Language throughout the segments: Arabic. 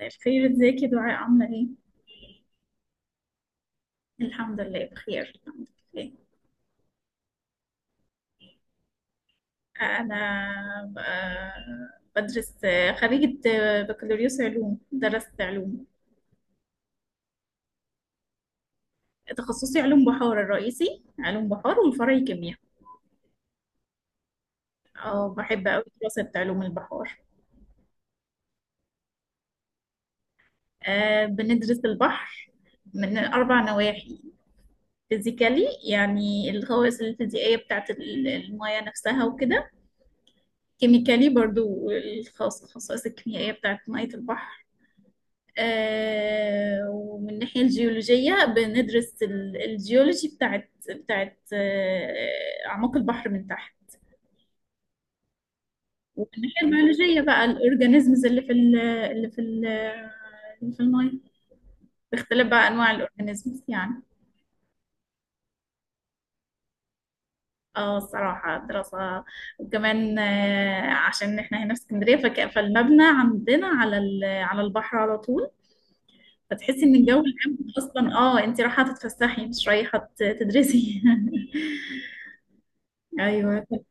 الخير، ازيك يا دعاء؟ عاملة ايه؟ الحمد لله بخير الحمد لله. أنا بدرس، خريجة بكالوريوس علوم، درست علوم. تخصصي علوم بحار، الرئيسي علوم بحار والفرعي كيمياء. اه بحب أوي دراسة علوم البحار. أه بندرس البحر من 4 نواحي: فيزيكالي، يعني الخواص الفيزيائية بتاعت المياه نفسها وكده، كيميكالي برضو الخصائص الكيميائية بتاعت مية البحر، ومن الناحية الجيولوجية بندرس الجيولوجي بتاعت أعماق البحر من تحت، ومن الناحية البيولوجية بقى الأورجانيزمز اللي في المية، باختلاف بقى أنواع الأورجانيزمز يعني. اه الصراحة دراسة. وكمان عشان احنا هنا في اسكندرية، فالمبنى عندنا على على البحر على طول، فتحسي ان الجو العام اصلا انت رايحة تتفسحي مش رايحة تدرسي. ايوه،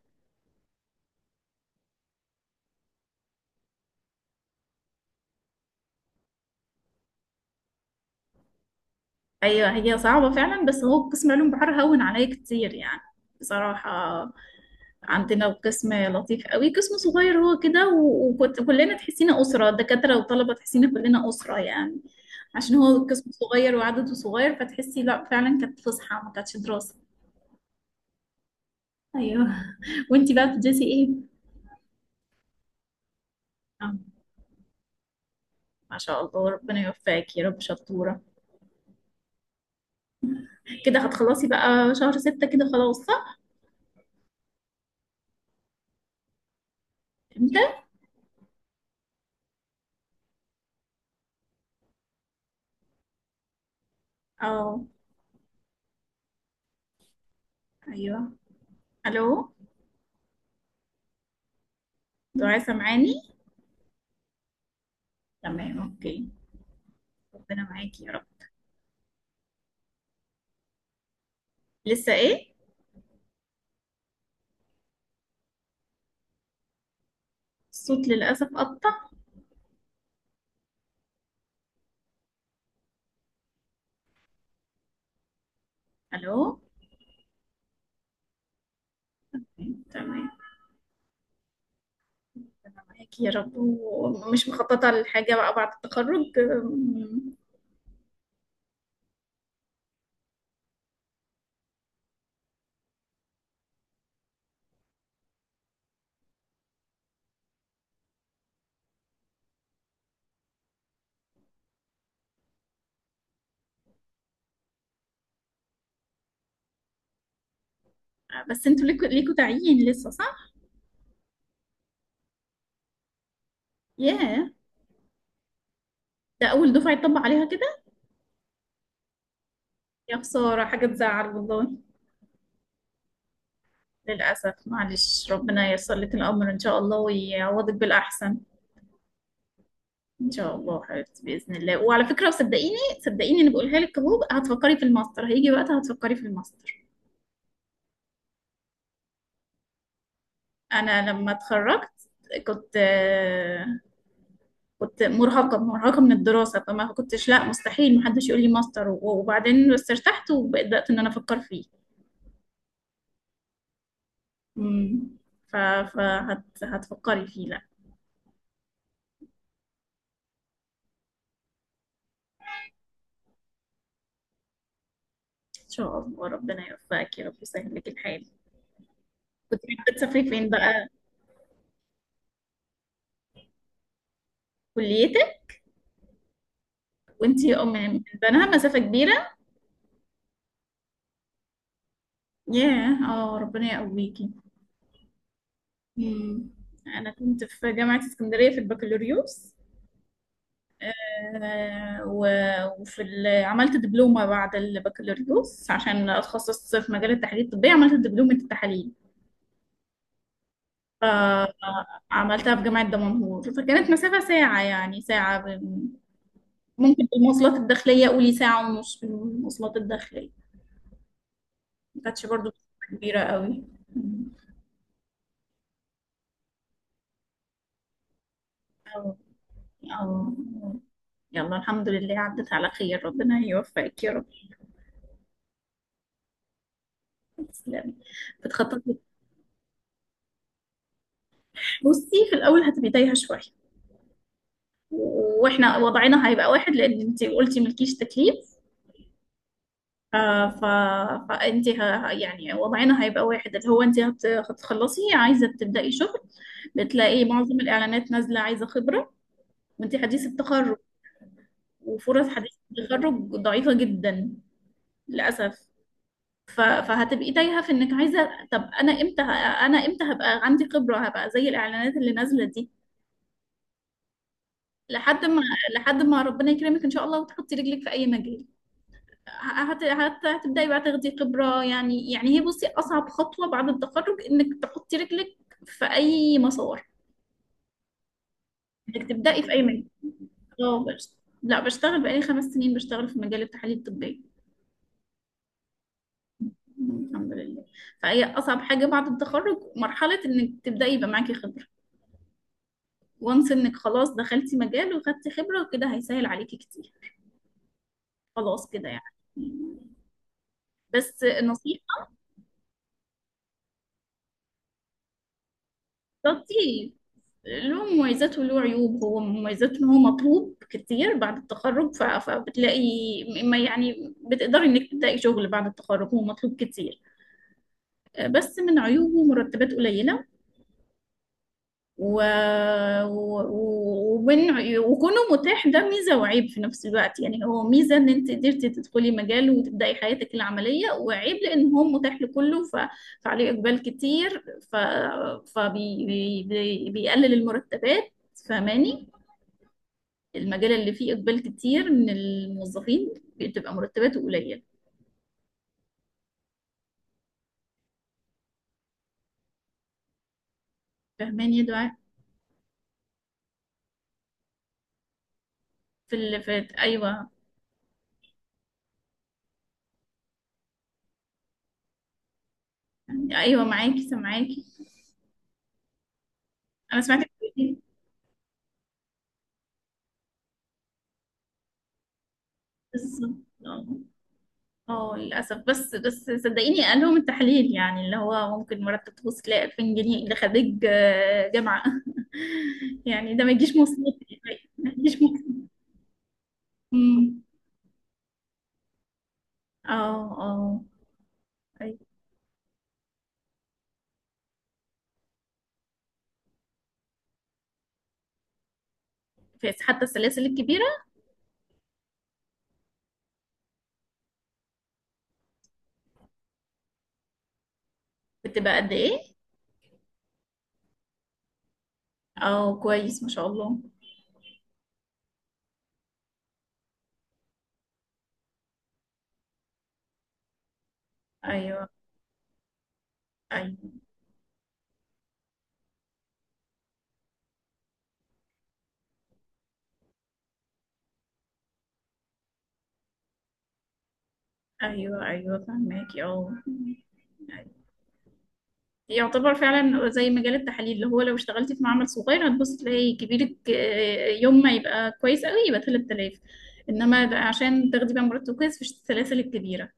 ايوه هي صعبة فعلا، بس هو قسم علوم بحر هون عليا كتير يعني، بصراحة. عندنا قسم لطيف قوي، قسم صغير هو كده، وكنت كلنا تحسينا أسرة، دكاترة وطلبة تحسينا كلنا أسرة يعني. عشان هو قسم صغير وعدده صغير، فتحسي لا فعلا كانت فسحة ما كانتش دراسة. ايوه. وانتي بقى بتدرسي ايه؟ آه، ما شاء الله، ربنا يوفقك يا رب، شطورة. كده هتخلصي بقى شهر ستة كده خلاص، صح؟ امتى؟ اه، ايوه. الو، دعاء سامعاني؟ تمام اوكي. ربنا معاكي يا رب. لسه ايه؟ الصوت للاسف قطع. الو. تمام. معاكي يا رب. ومش مخططه لحاجه بقى بعد التخرج؟ بس انتوا ليكوا تعيين لسه، صح؟ ياه، ده اول دفعه يطبق عليها كده. يا خساره، حاجه تزعل والله. للاسف معلش، ربنا ييسر لك الامر ان شاء الله ويعوضك بالاحسن. ان شاء الله حبيبتي، باذن الله. وعلى فكره صدقيني، انا بقولها لك اهو، هتفكري في الماستر، هيجي وقتها هتفكري في الماستر. انا لما اتخرجت كنت كنت مرهقه مرهقه من الدراسه، فما كنتش، لا مستحيل، محدش يقول لي ماستر وبعدين. بس ارتحت وبدات ان انا افكر فيه. امم ف هتفكري فيه لا. ان شاء الله ربنا يوفقك يا رب، يسهل لك الحال. كنت حابه تسافري فين بقى؟ كليتك؟ وانتي من بنها، مسافه كبيره. ياه، اه ربنا يقويكي. امم. انا كنت في جامعه اسكندريه في البكالوريوس. وفي عملت دبلومة بعد البكالوريوس عشان أتخصص في مجال التحاليل الطبية، عملت دبلومة التحاليل. فعملتها في جامعة دمنهور، فكانت مسافة ساعة، يعني ساعة ممكن بالمواصلات الداخلية، قولي ساعة ونص بالمواصلات الداخلية. ما كانتش برضو مسافة كبيرة قوي. أو أو يلا الحمد لله عدت على خير، ربنا يوفقك يا رب. تسلمي. بتخططي؟ بصي، في الأول هتبقي تايهة شوية. واحنا وضعنا هيبقى واحد لان انت قلتي ملكيش تكليف. آه، ف... فانت يعني وضعنا هيبقى واحد، اللي هو انت هتخلصي عايزه تبداي شغل. بتلاقي معظم الاعلانات نازله عايزه خبره، وانت حديث التخرج، وفرص حديث التخرج ضعيفه جدا للاسف. فهتبقي تايهه في انك عايزه، طب انا امتى انا امتى هبقى عندي خبره، هبقى زي الاعلانات اللي نازله دي. لحد ما ربنا يكرمك ان شاء الله وتحطي رجلك في اي مجال، هتبدأي بقى تاخدي خبرة يعني. يعني هي، بصي، أصعب خطوة بعد التخرج إنك تحطي رجلك في أي مسار، إنك تبدأي في أي مجال. اه بس، لا بشتغل بقالي 5 سنين، بشتغل في مجال التحاليل الطبية. الحمد لله. فهي أصعب حاجة بعد التخرج مرحلة إنك تبدأي يبقى معاكي خبرة، وانس إنك خلاص دخلتي مجال وخدتي خبرة، كده هيسهل عليكي كتير، خلاص كده يعني. بس النصيحة. لطيف، له مميزات وله عيوب. هو مميزات ان هو مطلوب كتير بعد التخرج، فبتلاقي، ما يعني بتقدري انك تلاقي شغل بعد التخرج، هو مطلوب كتير. بس من عيوبه مرتبات قليلة. و... ومن، وكونه متاح ده ميزة وعيب في نفس الوقت، يعني هو ميزة ان انت قدرتي تدخلي مجال وتبدأي حياتك العملية، وعيب لان هو متاح لكله، فعليه اقبال كتير. ف... بيقلل المرتبات. فاهماني، المجال اللي فيه اقبال كتير من الموظفين بتبقى مرتباته قليلة. فاهماني يا دعاء؟ في ال... في ايوه يعني ايوه، معاكي، سامعاكي. انا سمعتك بتقولي. بالظبط. اه للأسف، بس صدقيني، قال لهم التحليل يعني اللي هو ممكن مرتب توصل ل 2000 جنيه، ده خريج جامعة. يعني ده ما يجيش مصروف يعني، ما يجيش مصروف. أمم. اه، اه. أيوة. حتى السلاسل الكبيرة بتبقى قد ايه؟ اه كويس ما شاء الله. ايوه، ايوه، ايوه. ايوه فهماكي، اه. يعتبر فعلا زي مجال التحاليل، اللي هو لو اشتغلتي في معمل صغير هتبص تلاقي كبيرك يوم ما يبقى كويس قوي يبقى 3000. انما ده عشان تاخدي بقى مرتب كويس في السلاسل الكبيره،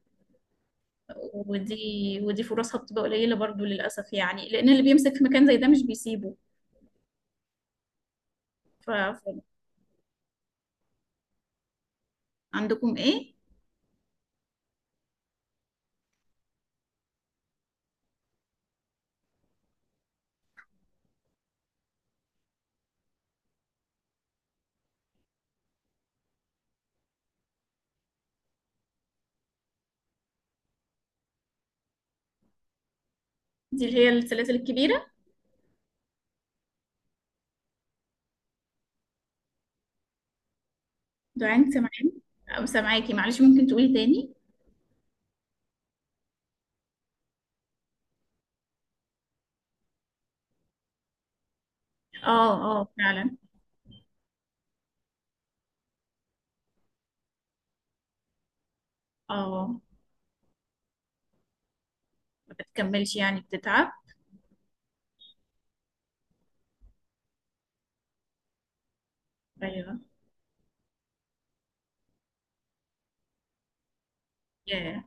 ودي ودي فرصها بتبقى قليله برضو للاسف، يعني لان اللي بيمسك في مكان زي ده مش بيسيبه. ف... فعندكم ايه؟ دي اللي هي السلاسل الكبيره. دعاء، انت سامعاكي؟ سامعاكي. معلش، ممكن تقولي تاني؟ اه، اه فعلا. اه ما بتكملش يعني، بتتعب. ايوه. yeah.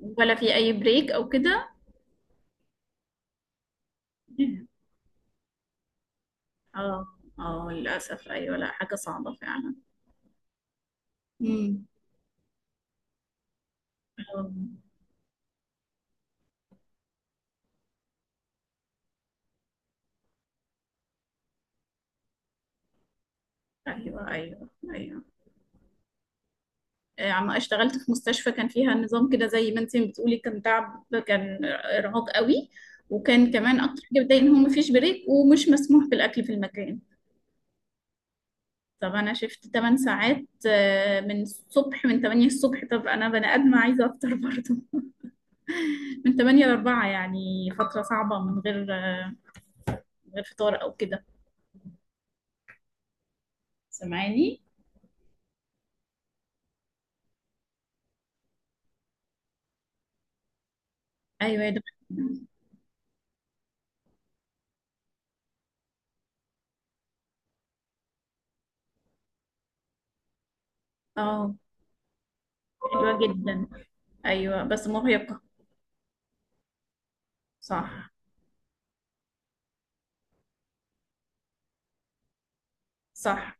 ولا في اي بريك او كده؟ اه، اه للأسف أيوة، لا حاجة صعبة فعلا. امم. آه، أيوة، أيوة، أيوة. عم اشتغلت في مستشفى كان فيها نظام كده زي ما انت بتقولي، كان تعب، كان إرهاق قوي. وكان كمان أكتر حاجة بتضايق إن هو مفيش بريك ومش مسموح بالأكل في المكان. طب أنا شفت 8 ساعات، من الصبح، من 8 الصبح. طب أنا بني آدمة عايزة أفطر برضه. من 8 ل 4 يعني فترة صعبة من غير، من غير فطار أو كده. سامعاني؟ أيوة يا دكتور. اه، حلوة جدا. ايوه بس مرهقة. صح، صح،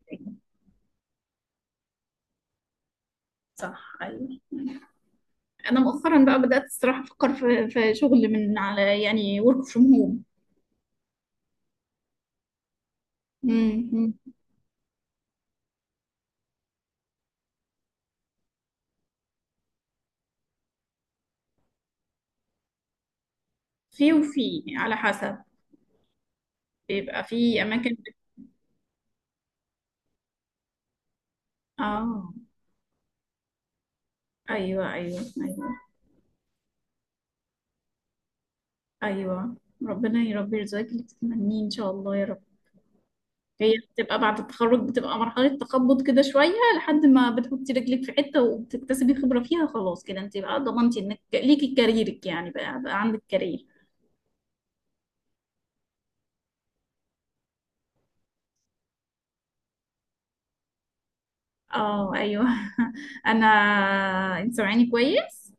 صح. ايوه. انا مؤخرا بقى بدأت الصراحة افكر في شغل من على، يعني ورك فروم هوم. في وفي على حسب، بيبقى في اماكن اه، ايوه، ايوه، ايوه، ايوه. ربنا يا رب يرزقك اللي تتمنيه ان شاء الله يا رب. هي بتبقى بعد التخرج، بتبقى مرحلة تخبط كده شوية لحد ما بتحطي رجلك في حتة وبتكتسبي خبرة فيها، خلاص كده انت بقى ضمنتي انك ليكي كاريرك يعني، بقى عندك كارير. اه، ايوه. انا. انت سامعاني كويس؟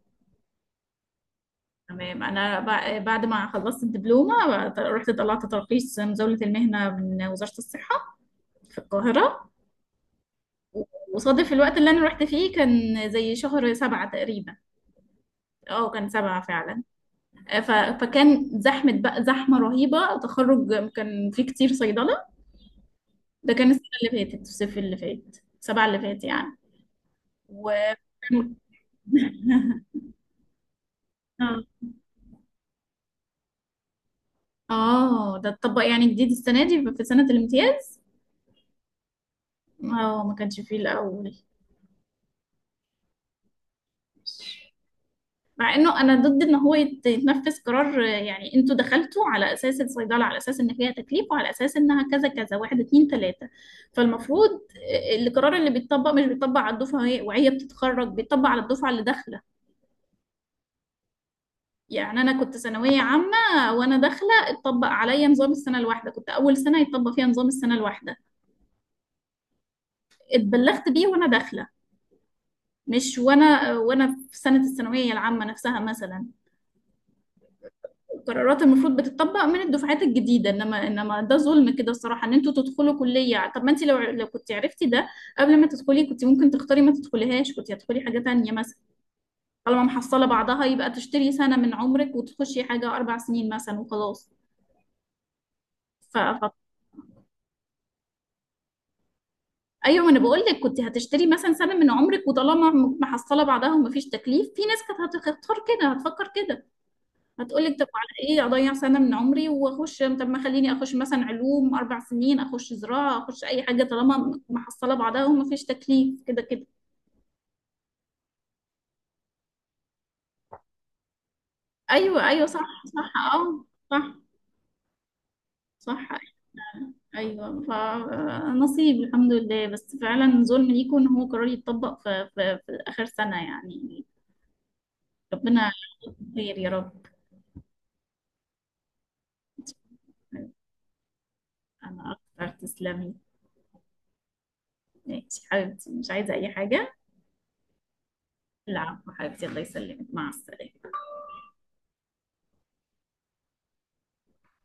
تمام. انا بعد ما خلصت الدبلومة رحت طلعت ترخيص مزاولة المهنة من وزارة الصحة في القاهرة. وصادف الوقت اللي انا رحت فيه كان زي شهر سبعة تقريبا. اه كان سبعة فعلا. فكان زحمة بقى، زحمة رهيبة. تخرج كان في كتير صيدلة. ده كان السنة اللي فاتت، الصيف اللي فات، سبعة اللي فات يعني. و كان- اه. آه، ده اتطبق يعني جديد السنة دي في سنة الامتياز. اه ما كانش فيه الأول. مع انه انا ضد ان هو يتنفذ قرار، يعني انتوا دخلتوا على اساس الصيدله، على اساس ان فيها تكليف، وعلى اساس انها كذا كذا، 1 2 3. فالمفروض، القرار اللي بيتطبق مش بيتطبق على الدفعه وهي بتتخرج، بيتطبق على الدفعه اللي داخله. يعني انا كنت ثانويه عامه، وانا داخله اتطبق عليا نظام السنه الواحده، كنت اول سنه يتطبق فيها نظام السنه الواحده. اتبلغت بيه وانا داخله، مش وانا في سنه الثانويه العامه نفسها مثلا. القرارات المفروض بتطبق من الدفعات الجديده، انما ده ظلم كده الصراحه، ان انتوا تدخلوا كليه. طب ما انت لو كنت عرفتي ده قبل ما تدخلي كنت ممكن تختاري ما تدخليهاش، كنت هتدخلي حاجه تانية مثلا. طالما محصله بعضها، يبقى تشتري سنه من عمرك وتخشي حاجه اربع سنين مثلا وخلاص. ف- ايوه، ما انا بقول لك كنت هتشتري مثلا سنه من عمرك، وطالما محصله بعدها ومفيش تكليف، في ناس كانت هتختار كده، هتفكر كده. هتقول لك طب على ايه اضيع سنه من عمري واخش، طب ما خليني اخش مثلا علوم 4 سنين، اخش زراعه، اخش اي حاجه طالما محصله بعدها ومفيش تكليف كده كده. ايوه، ايوه صح. صح، اه، صح. صح. ايوه فنصيب الحمد لله، بس فعلا ظلم ليكم ان هو قرار يتطبق في، في اخر سنه يعني. ربنا خير يا رب. أنا أكثر، تسلمي. ماشي حبيبتي، مش عايزة أي حاجة. العفو حبيبتي، الله يسلمك، مع السلامة.